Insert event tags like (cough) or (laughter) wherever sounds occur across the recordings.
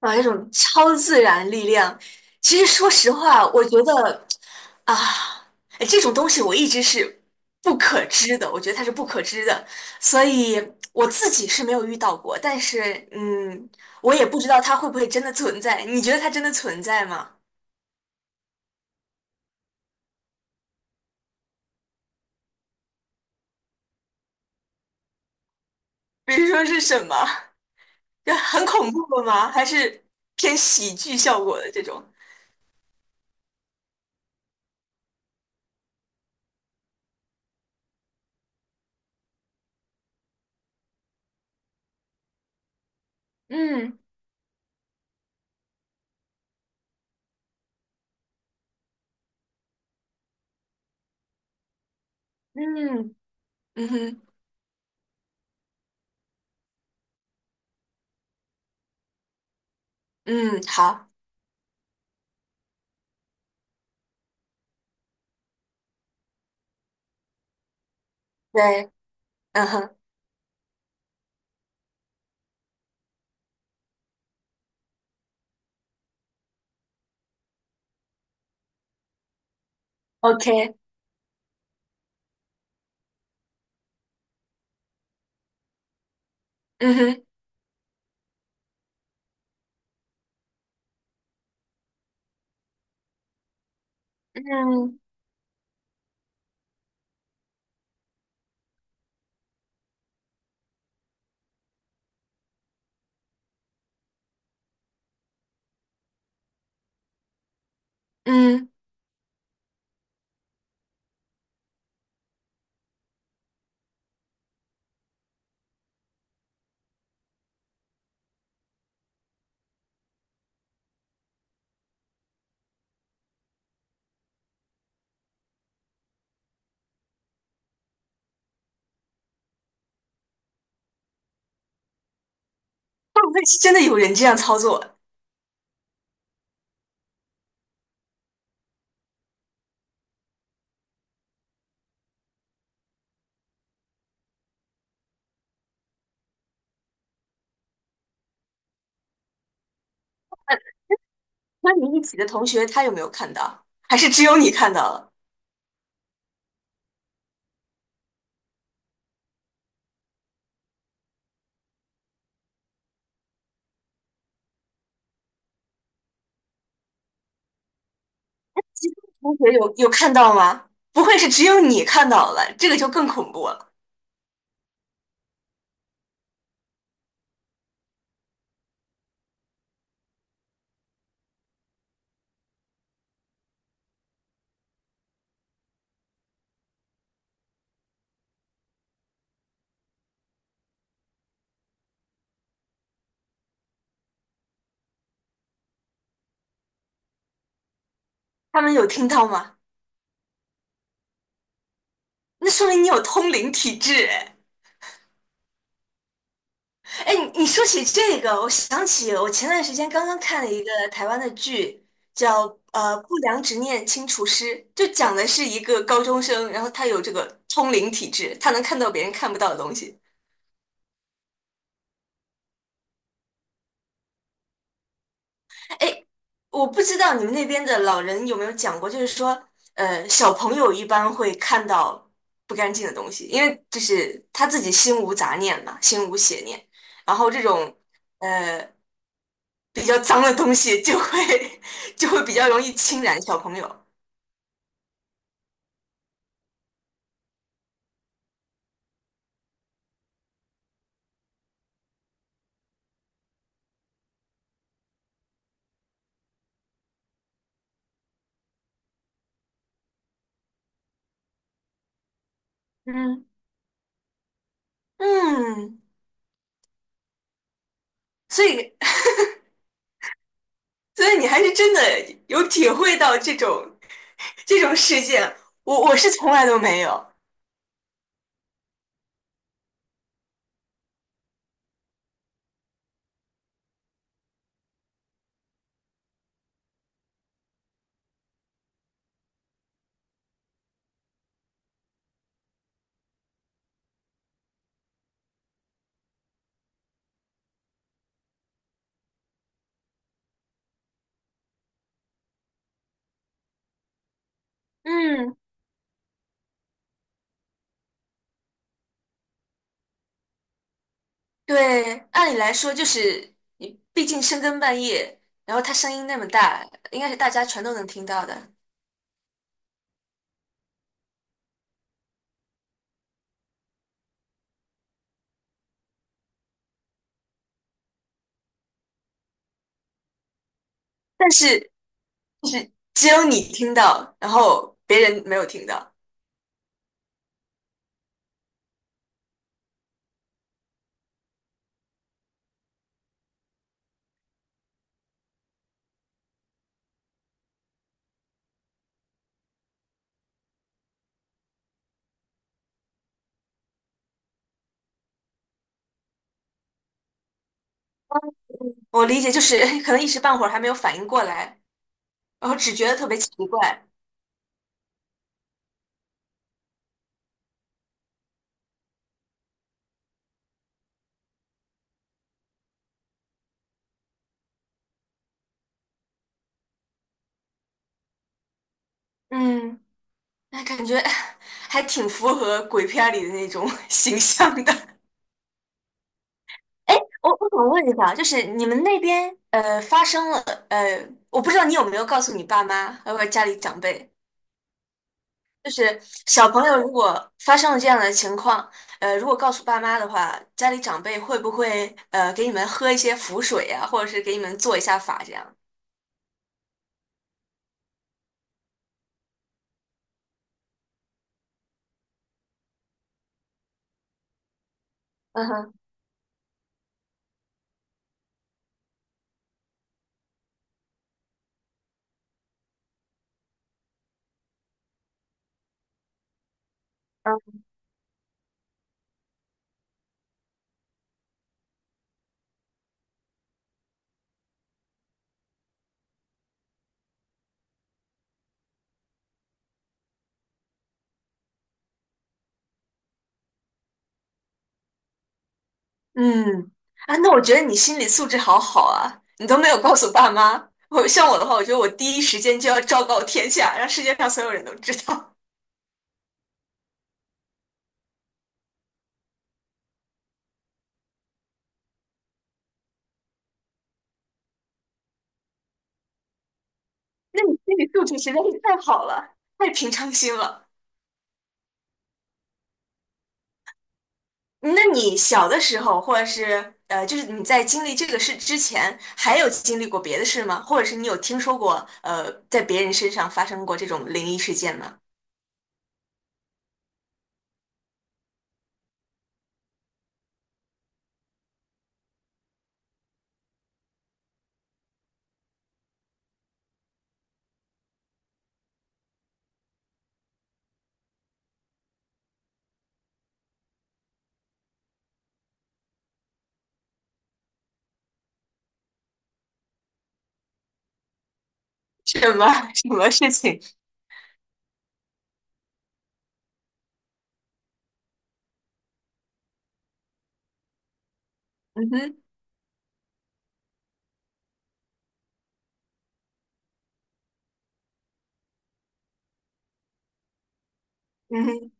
啊，一种超自然力量。其实说实话，我觉得啊，哎这种东西我一直是不可知的，我觉得它是不可知的，所以我自己是没有遇到过。但是，我也不知道它会不会真的存在。你觉得它真的存在吗？比如说是什么？就很恐怖的吗？还是偏喜剧效果的这种？嗯嗯。嗯哼。嗯，好。对。嗯哼。OK。嗯哼。嗯。嗯。(laughs) 会不会是真的有人这样操作？那你一起的同学他有没有看到？还是只有你看到了？同学有看到吗？不会是只有你看到了，这个就更恐怖了。他们有听到吗？那说明你有通灵体质哎。哎，你说起这个，我想起我前段时间刚刚看了一个台湾的剧，叫《不良执念清除师》，就讲的是一个高中生，然后他有这个通灵体质，他能看到别人看不到的东西。哎，我不知道你们那边的老人有没有讲过，就是说，小朋友一般会看到不干净的东西，因为就是他自己心无杂念嘛，心无邪念，然后这种呃比较脏的东西就会 (laughs) 就会比较容易侵染小朋友。嗯。嗯。所以 (laughs) 所以你还是真的有体会到这种这种事件，我是从来都没有。嗯，对，按理来说就是你，毕竟深更半夜，然后他声音那么大，应该是大家全都能听到的。但是就是只有你听到，然后别人没有听到。我理解就是 (laughs) 可能一时半会儿还没有反应过来，然后只觉得特别奇怪。嗯，那感觉 (laughs) 还挺符合鬼片儿里的那种 (laughs) 形象的。哎，我想问一下，就是你们那边发生了我不知道你有没有告诉你爸妈，还有家里长辈。就是小朋友如果发生了这样的情况，如果告诉爸妈的话，家里长辈会不会给你们喝一些符水呀、或者是给你们做一下法这样？嗯哼。嗯。嗯。啊，那我觉得你心理素质好好啊，你都没有告诉爸妈。我像我的话，我觉得我第一时间就要昭告天下，让世界上所有人都知道。那你心理素质实在是太好了，太平常心了。那你小的时候，或者是就是你在经历这个事之前，还有经历过别的事吗？或者是你有听说过在别人身上发生过这种灵异事件吗？什么 (laughs) 什么事情？嗯哼。嗯哼。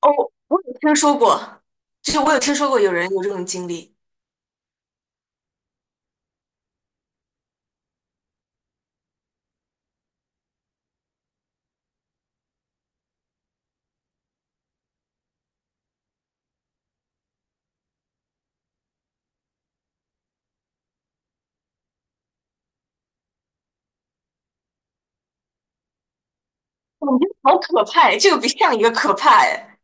哦，我有听说过，就是我有听说过有人有这种经历，感觉好可怕呀！这个比上一个可怕哎，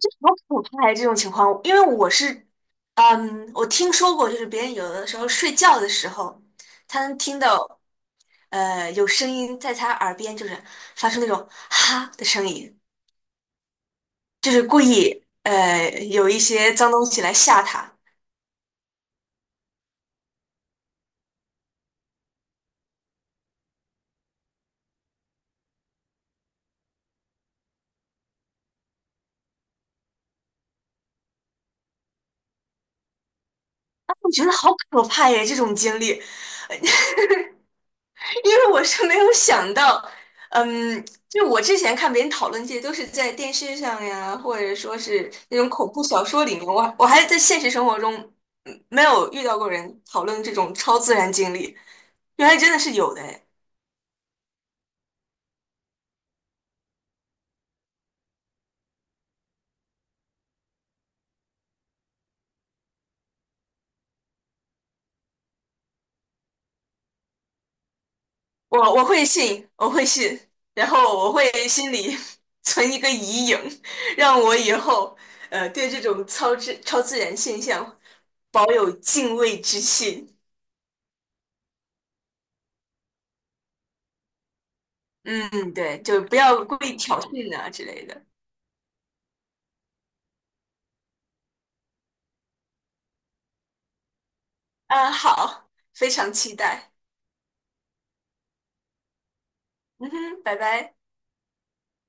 这好可怕呀！这种情况，因为我是，嗯，我听说过，就是别人有的时候睡觉的时候，他能听到。有声音在他耳边，就是发出那种哈的声音，就是故意有一些脏东西来吓他。啊，我觉得好可怕耶，这种经历，因为我是没有想到，嗯，就我之前看别人讨论这些都是在电视上呀，或者说是那种恐怖小说里面，我我还在现实生活中嗯没有遇到过人讨论这种超自然经历，原来真的是有的诶。我会信，我会信，然后我会心里 (laughs) 存一个疑影，让我以后对这种超自然现象保有敬畏之心。嗯，对，就不要故意挑衅啊之类的。啊，好，非常期待。嗯哼，拜拜。